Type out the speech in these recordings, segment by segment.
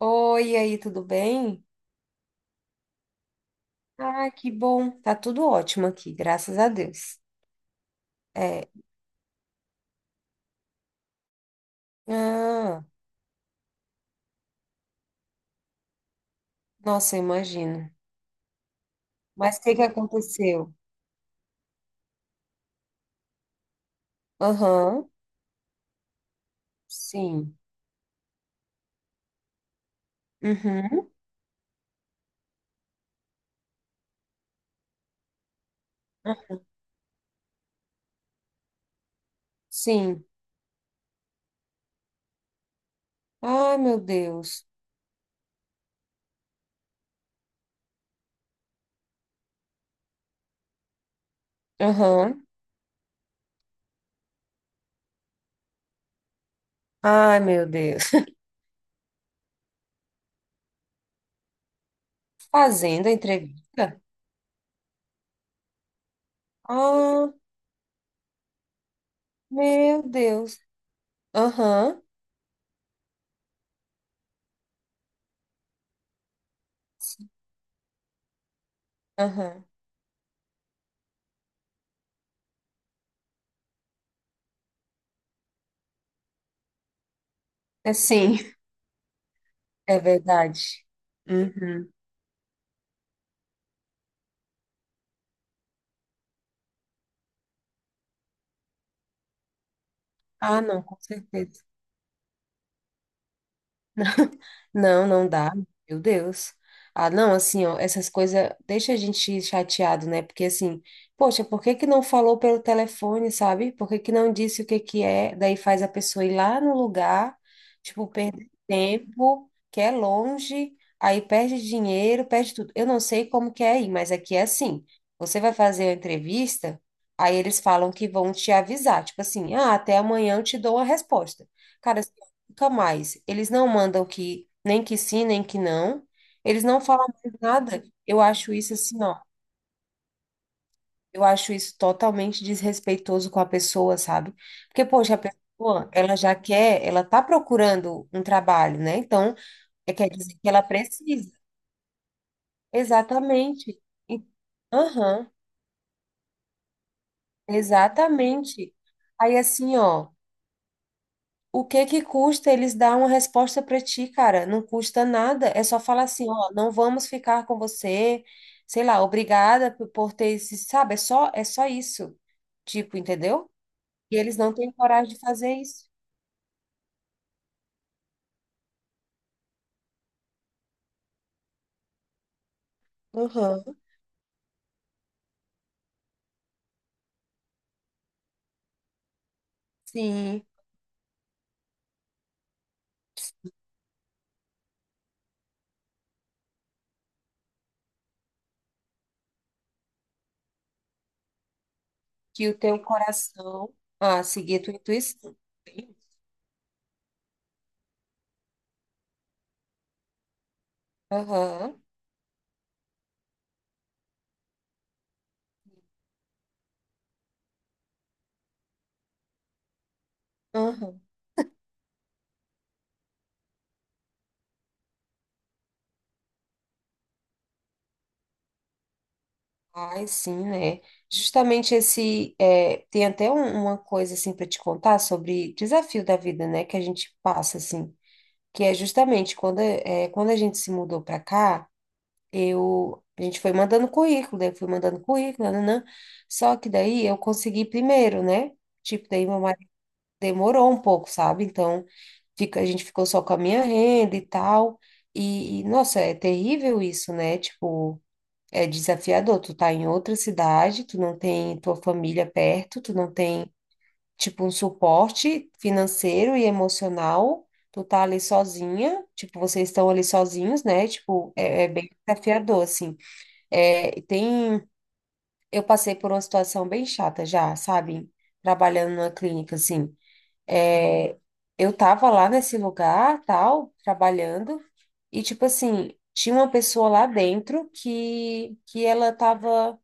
Oi, e aí, tudo bem? Ah, que bom. Tá tudo ótimo aqui, graças a Deus. É. Ah, nossa, eu imagino. Mas o que que aconteceu? Aham, sim. Uhum, sim. Ai, meu Deus. Aham. Ai, meu Deus. Fazendo a entrevista? Ah, meu Deus. Aham, aham. É sim, é verdade. Uhum. Ah, não, com certeza. Não, não dá. Meu Deus. Ah, não, assim, ó, essas coisas deixa a gente chateado, né? Porque assim, poxa, por que que não falou pelo telefone, sabe? Por que que não disse o que que é? Daí faz a pessoa ir lá no lugar, tipo, perder tempo, que é longe, aí perde dinheiro, perde tudo. Eu não sei como que é aí, mas aqui é assim. Você vai fazer a entrevista, aí eles falam que vão te avisar, tipo assim, ah, até amanhã eu te dou a resposta. Cara, mais. Eles não mandam que nem que sim, nem que não. Eles não falam mais nada. Eu acho isso assim, ó. Eu acho isso totalmente desrespeitoso com a pessoa, sabe? Porque, poxa, a pessoa, ela já quer, ela tá procurando um trabalho, né? Então, é, quer dizer que ela precisa. Exatamente. E- Aham, exatamente. Aí, assim, ó. O que que custa eles dar uma resposta para ti, cara? Não custa nada. É só falar assim, ó, não vamos ficar com você. Sei lá, obrigada por ter esse, sabe? É só isso. Tipo, entendeu? E eles não têm coragem de fazer isso. Aham. Sim, que o teu coração, ah, seguir a tua intuição. Aham. Aham. Ai, sim, né? Justamente esse. É, tem até uma coisa, assim, para te contar sobre desafio da vida, né? Que a gente passa, assim. Que é justamente quando, é, quando a gente se mudou para cá, eu, a gente foi mandando currículo, daí eu fui mandando currículo, nananã. Só que daí eu consegui primeiro, né? Tipo, daí meu marido demorou um pouco, sabe? Então, fica, a gente ficou só com a minha renda e tal. E, nossa, é terrível isso, né? Tipo, é desafiador. Tu tá em outra cidade, tu não tem tua família perto, tu não tem tipo, um suporte financeiro e emocional. Tu tá ali sozinha, tipo, vocês estão ali sozinhos, né? Tipo, é, é bem desafiador, assim. É, tem, eu passei por uma situação bem chata já, sabe? Trabalhando numa clínica, assim. É, eu tava lá nesse lugar, tal, trabalhando, e, tipo assim, tinha uma pessoa lá dentro que ela tava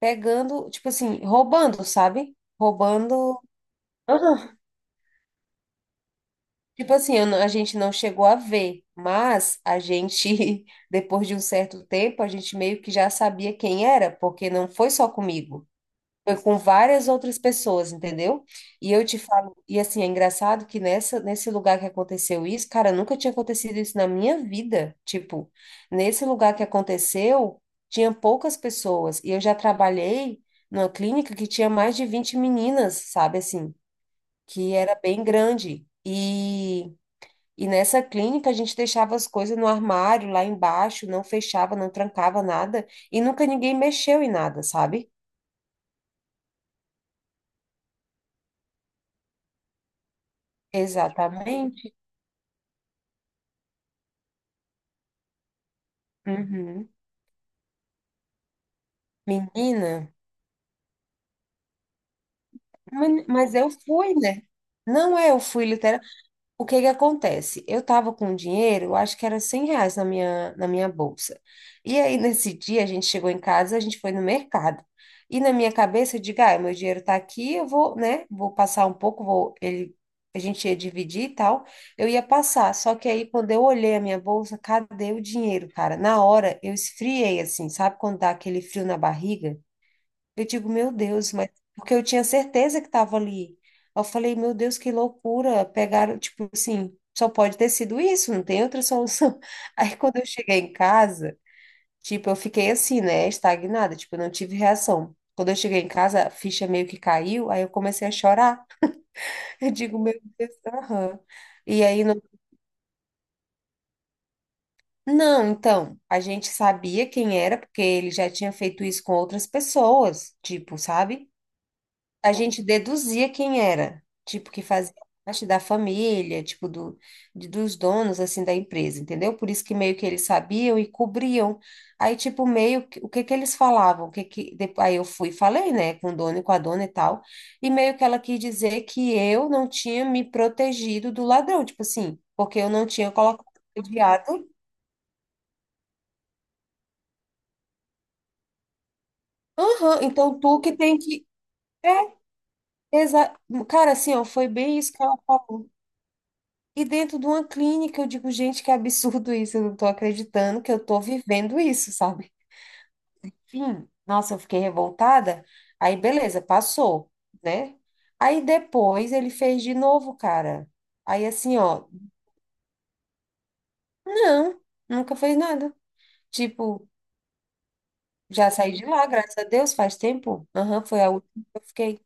pegando, tipo assim, roubando, sabe? Roubando. Tipo assim, eu não- a gente não chegou a ver, mas a gente, depois de um certo tempo, a gente meio que já sabia quem era, porque não foi só comigo, foi com várias outras pessoas, entendeu? E eu te falo, e assim, é engraçado que nessa, nesse lugar que aconteceu isso, cara, nunca tinha acontecido isso na minha vida. Tipo, nesse lugar que aconteceu, tinha poucas pessoas, e eu já trabalhei numa clínica que tinha mais de 20 meninas, sabe assim, que era bem grande. E nessa clínica a gente deixava as coisas no armário, lá embaixo, não fechava, não trancava nada, e nunca ninguém mexeu em nada, sabe? Exatamente. Uhum. Menina, mas eu fui, né? Não é, eu fui. O que que acontece? Eu tava com um dinheiro, eu acho que era R$ 100 na minha bolsa. E aí, nesse dia, a gente chegou em casa, a gente foi no mercado. E na minha cabeça, eu digo, ah, meu dinheiro tá aqui, eu vou, né, vou passar um pouco, vou, ele, a gente ia dividir e tal, eu ia passar. Só que aí, quando eu olhei a minha bolsa, cadê o dinheiro, cara? Na hora, eu esfriei, assim, sabe quando dá aquele frio na barriga? Eu digo, meu Deus, mas porque eu tinha certeza que estava ali. Eu falei, meu Deus, que loucura. Pegaram, tipo assim, só pode ter sido isso, não tem outra solução. Aí quando eu cheguei em casa, tipo, eu fiquei assim, né, estagnada, tipo, eu não tive reação. Quando eu cheguei em casa, a ficha meio que caiu, aí eu comecei a chorar. Eu digo, meu Deus, aham. E aí, não, não, então, a gente sabia quem era, porque ele já tinha feito isso com outras pessoas, tipo, sabe? A gente deduzia quem era, tipo, que fazia parte da família, tipo, do, dos donos, assim, da empresa, entendeu? Por isso que meio que eles sabiam e cobriam. Aí, tipo, meio que, o que que eles falavam, o que que, depois, aí eu fui e falei, né, com o dono e com a dona e tal, e meio que ela quis dizer que eu não tinha me protegido do ladrão, tipo assim, porque eu não tinha colocado o diário. Aham, então tu que tem que... É, exa... Cara, assim, ó, foi bem isso que ela falou. E dentro de uma clínica, eu digo, gente, que absurdo isso, eu não tô acreditando que eu tô vivendo isso, sabe? Enfim, nossa, eu fiquei revoltada. Aí, beleza, passou, né? Aí depois ele fez de novo, cara. Aí assim, ó, não, nunca fez nada. Tipo, já saí de lá, graças a Deus, faz tempo. Aham, foi a última que eu fiquei.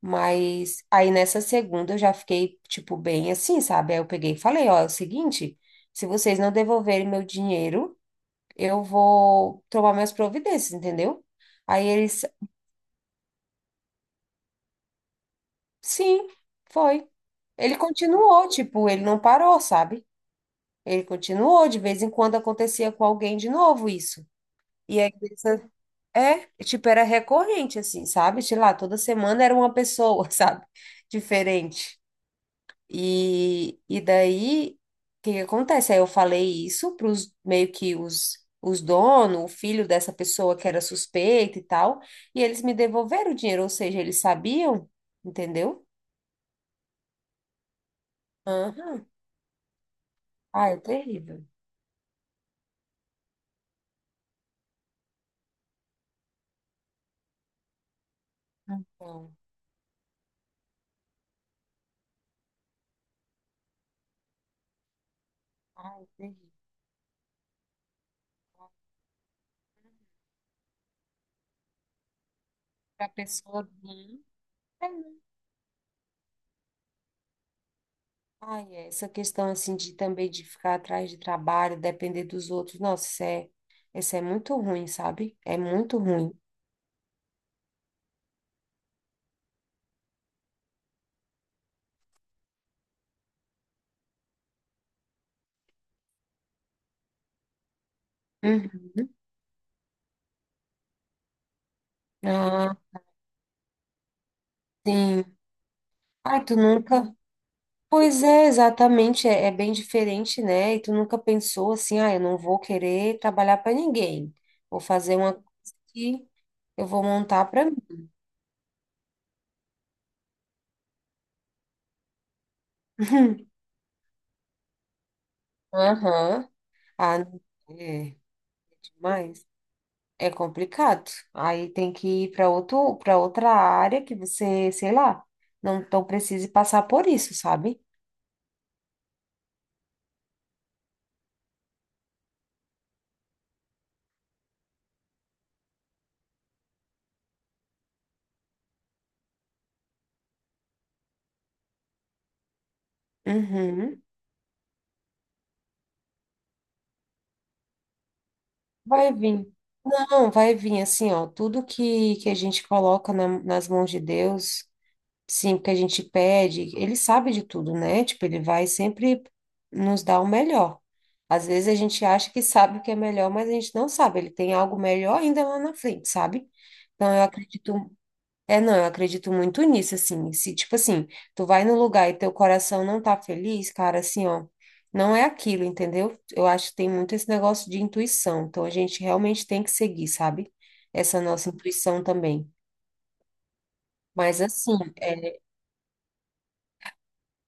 Mas aí nessa segunda eu já fiquei, tipo, bem assim, sabe? Aí eu peguei e falei, ó, é o seguinte, se vocês não devolverem meu dinheiro, eu vou tomar minhas providências, entendeu? Aí eles, sim, foi. Ele continuou, tipo, ele não parou, sabe? Ele continuou, de vez em quando acontecia com alguém de novo isso. E a igreja, é, é, tipo, era recorrente, assim, sabe? Sei lá, toda semana era uma pessoa, sabe? Diferente. E daí, o que que acontece? Aí eu falei isso para os meio que os donos, o filho dessa pessoa que era suspeita e tal, e eles me devolveram o dinheiro, ou seja, eles sabiam, entendeu? Aham. Ai, é terrível. Então, ai, é terrível. Para a pessoa vir. É, né? Ai, é, essa questão assim de também de ficar atrás de trabalho, depender dos outros, nossa, isso é muito ruim, sabe? É muito ruim. Uhum. Ah, sim. Ai, tu nunca. Pois é, exatamente, é, é bem diferente, né? E tu nunca pensou assim, ah, eu não vou querer trabalhar para ninguém. Vou fazer uma coisa que eu vou montar para mim. Aham. Ah, não, é, é demais. É complicado. Aí tem que ir para outro, para outra área que você, sei lá, não, não precise passar por isso, sabe? Uhum. Vai vir. Não, vai vir assim, ó, tudo que, a gente coloca nas mãos de Deus. Sim, porque a gente pede, ele sabe de tudo, né? Tipo, ele vai sempre nos dar o melhor. Às vezes a gente acha que sabe o que é melhor, mas a gente não sabe. Ele tem algo melhor ainda lá na frente, sabe? Então eu acredito. É, não, eu acredito muito nisso, assim. Se, tipo assim, tu vai no lugar e teu coração não tá feliz, cara, assim, ó, não é aquilo, entendeu? Eu acho que tem muito esse negócio de intuição. Então a gente realmente tem que seguir, sabe? Essa nossa intuição também. Mas assim.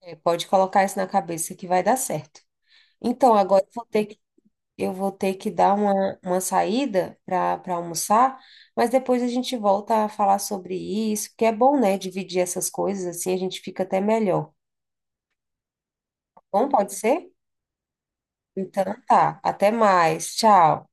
É, pode colocar isso na cabeça que vai dar certo. Então, agora eu vou ter que, dar uma saída para almoçar, mas depois a gente volta a falar sobre isso, porque é bom, né? Dividir essas coisas assim, a gente fica até melhor. Tá bom, pode ser? Então tá. Até mais. Tchau.